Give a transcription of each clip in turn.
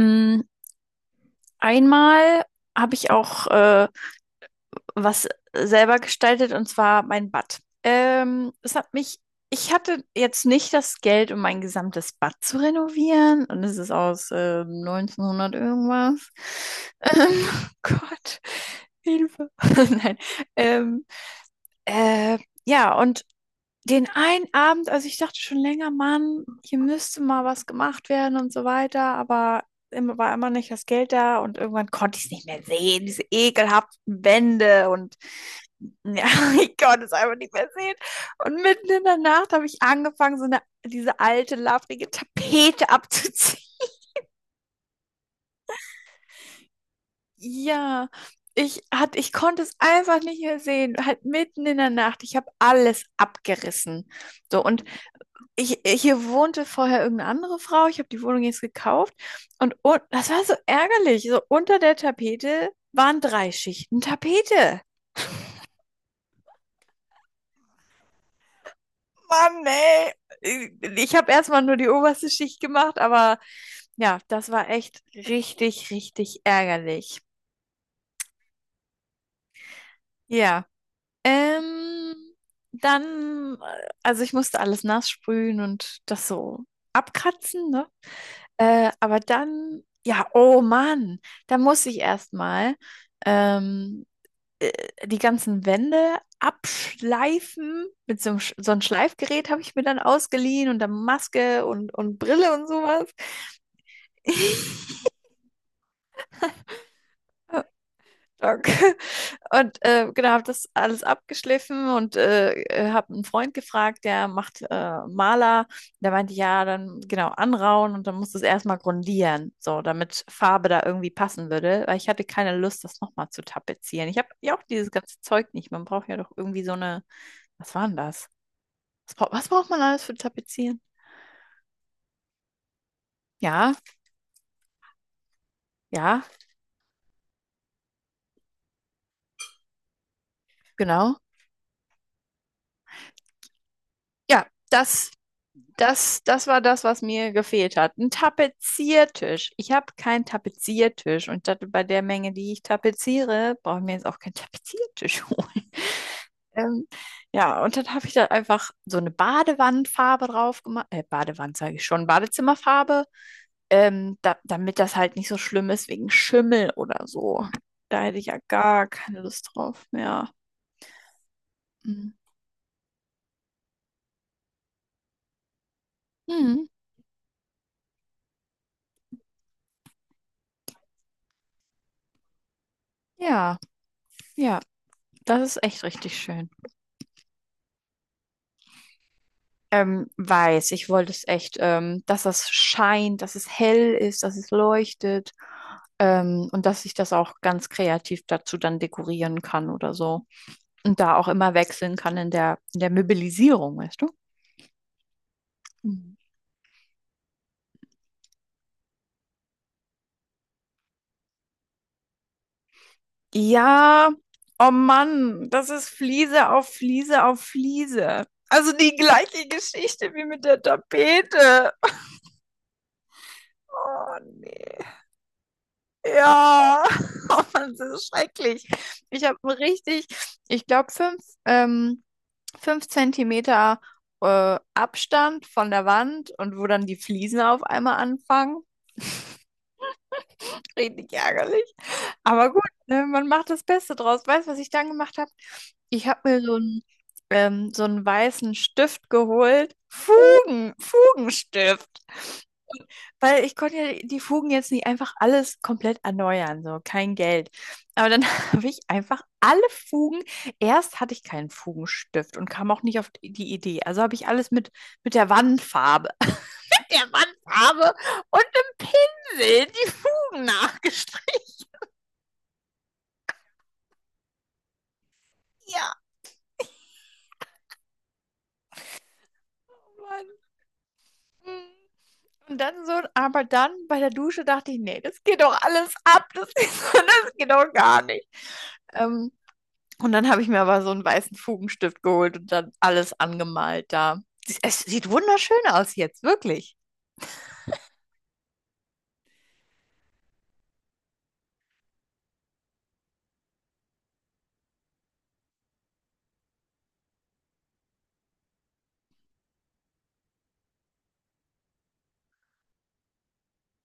Mm, Einmal habe ich auch was selber gestaltet, und zwar mein Bad. Ich hatte jetzt nicht das Geld, um mein gesamtes Bad zu renovieren, und es ist aus 1900 irgendwas. Gott, Hilfe. Nein. Ähm, äh, ja, und den einen Abend, also ich dachte schon länger, Mann, hier müsste mal was gemacht werden und so weiter, aber immer war immer nicht das Geld da, und irgendwann konnte ich es nicht mehr sehen, diese ekelhaften Wände, und ja, ich konnte es einfach nicht mehr sehen. Und mitten in der Nacht habe ich angefangen, so eine, diese alte, labrige Tapete abzuziehen. Ja, ich konnte es einfach nicht mehr sehen, halt mitten in der Nacht. Ich habe alles abgerissen. So, und hier wohnte vorher irgendeine andere Frau, ich habe die Wohnung jetzt gekauft, und das war so ärgerlich. So unter der Tapete waren drei Schichten Tapete. Mann, ey. Ich habe erstmal nur die oberste Schicht gemacht, aber ja, das war echt richtig, richtig ärgerlich. Ja. Ähm, Dann, also ich musste alles nass sprühen und das so abkratzen, ne? Aber dann, ja, oh Mann, da muss ich erstmal ähm, äh, die ganzen Wände abschleifen. Mit so einem Schleifgerät habe ich mir dann ausgeliehen, und dann Maske und Brille und sowas. Okay. Und genau, habe das alles abgeschliffen und habe einen Freund gefragt, der macht Maler. Der meinte, ja, dann genau anrauen, und dann muss das erstmal grundieren, so damit Farbe da irgendwie passen würde, weil ich hatte keine Lust, das nochmal zu tapezieren. Ich habe ja auch dieses ganze Zeug nicht. Man braucht ja doch irgendwie so eine, was war denn das? Was braucht man alles für Tapezieren? Ja, ja, genau. Ja, das war das, was mir gefehlt hat. Ein Tapeziertisch. Ich habe keinen Tapeziertisch, und das, bei der Menge, die ich tapeziere, brauche ich mir jetzt auch keinen Tapeziertisch holen. Ähm, ja, und dann habe ich da einfach so eine Badewandfarbe drauf gemacht. Badewand sage ich schon, Badezimmerfarbe, damit das halt nicht so schlimm ist wegen Schimmel oder so. Da hätte ich ja gar keine Lust drauf mehr. Mhm. Mhm. Ja, ja, das ist echt richtig schön. Weiß, ich wollte es echt, dass das scheint, dass es hell ist, dass es leuchtet, und dass ich das auch ganz kreativ dazu dann dekorieren kann oder so. Und da auch immer wechseln kann in der Möbelisierung, weißt du? Mhm. Ja, oh Mann, das ist Fliese auf Fliese auf Fliese. Also die gleiche Geschichte wie mit der Tapete. Oh nee. Ja, oh Mann, das ist schrecklich. Ich habe richtig, ich glaube, fünf Zentimeter Abstand von der Wand, und wo dann die Fliesen auf einmal anfangen. Richtig ärgerlich. Aber gut, ne, man macht das Beste draus. Weißt du, was ich dann gemacht habe? Ich habe mir so einen weißen Stift geholt. Fugen, Fugenstift. Weil ich konnte ja die Fugen jetzt nicht einfach alles komplett erneuern, so kein Geld. Aber dann habe ich einfach alle Fugen, erst hatte ich keinen Fugenstift und kam auch nicht auf die Idee. Also habe ich alles mit der Wandfarbe, der Wandfarbe und einem Pinsel die Fugen nachgestrichen. Ja, Mann. Mhm. Und dann so, aber dann bei der Dusche dachte ich, nee, das geht doch alles ab, das, das geht doch gar nicht. Ähm, Und dann habe ich mir aber so einen weißen Fugenstift geholt und dann alles angemalt da. Es sieht wunderschön aus jetzt, wirklich.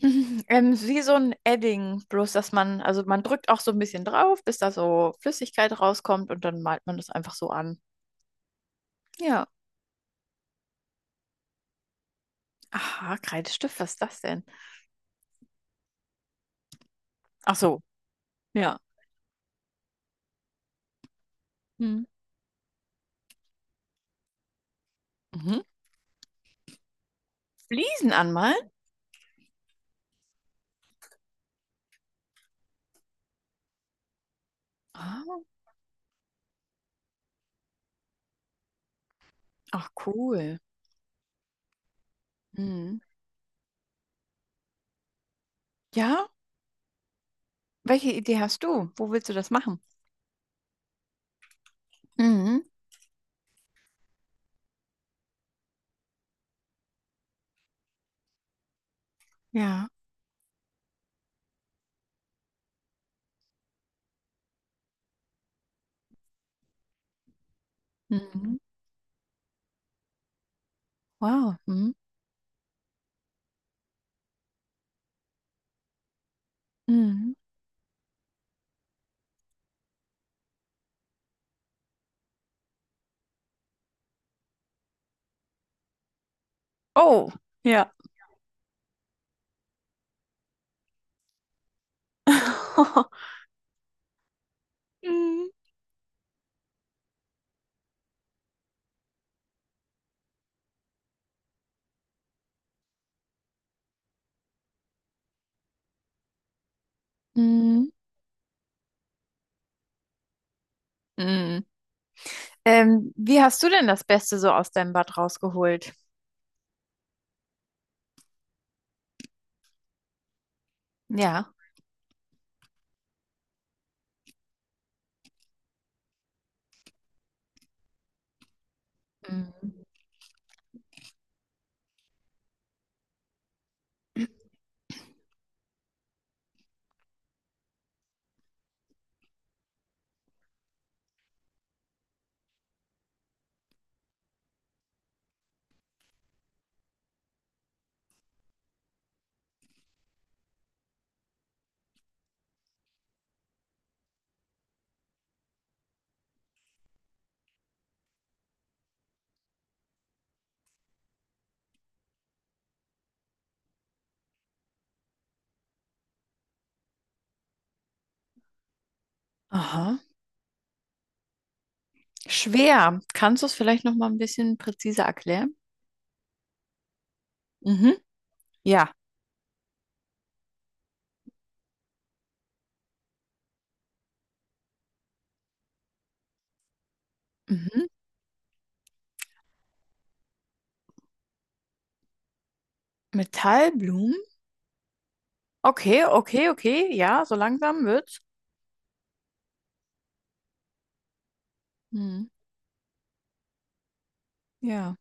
Mhm. Wie so ein Edding, bloß dass man, also man drückt auch so ein bisschen drauf, bis da so Flüssigkeit rauskommt, und dann malt man das einfach so an. Ja. Aha, Kreidestift, was ist das denn? Ach so, ja. Hm. Mhm. Fliesen anmalen? Ah, ach, cool. Hm. Ja, welche Idee hast du? Wo willst du das machen? Mhm. Ja. Mhm. Wow. Mhm. Mhm. Oh, ja. Mhm. Mhm. Mhm. Wie hast du denn das Beste so aus deinem Bad rausgeholt? Ja. Mhm. Aha. Schwer. Kannst du es vielleicht noch mal ein bisschen präziser erklären? Mhm. Ja. Mhm. Metallblumen? Okay, okay, okay. Ja, so langsam wird's. Mhm. Ja.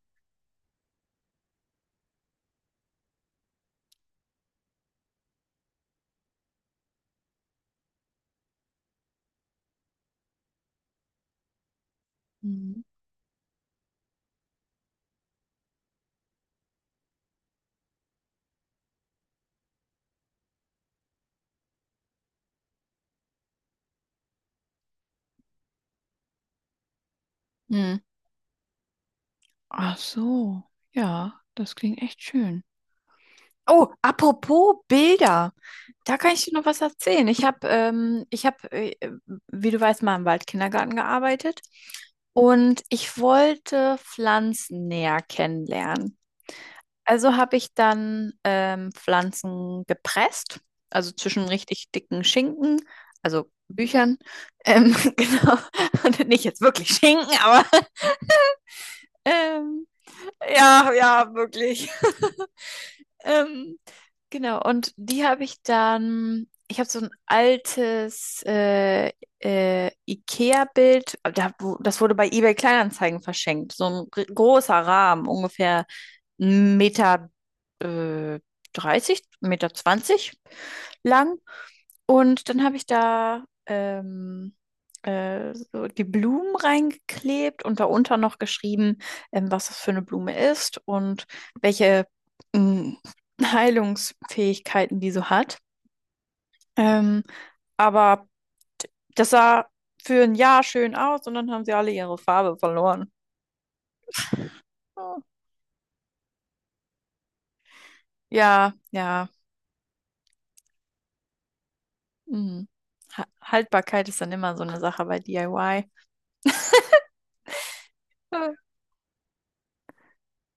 Mhm. Mhm. Ach so. Ja, das klingt echt schön. Oh, apropos Bilder, da kann ich dir noch was erzählen. Ich habe, wie du weißt, mal im Waldkindergarten gearbeitet, und ich wollte Pflanzen näher kennenlernen. Also habe ich dann Pflanzen gepresst, also zwischen richtig dicken Schinken, also Büchern, genau. Und nicht jetzt wirklich Schinken, aber ähm, ja, ja, wirklich. Ähm, Genau, und die habe ich dann, ich habe so ein altes IKEA-Bild, da, das wurde bei eBay Kleinanzeigen verschenkt, so ein großer Rahmen, ungefähr Meter äh, 30, Meter 20 lang. Und dann habe ich da so die Blumen reingeklebt und darunter noch geschrieben, was das für eine Blume ist und welche ähm, Heilungsfähigkeiten die so hat. Ähm, aber das sah für ein Jahr schön aus, und dann haben sie alle ihre Farbe verloren. Oh. Ja, ja. Mhm. Ha- Haltbarkeit ist dann immer so eine Sache bei DIY.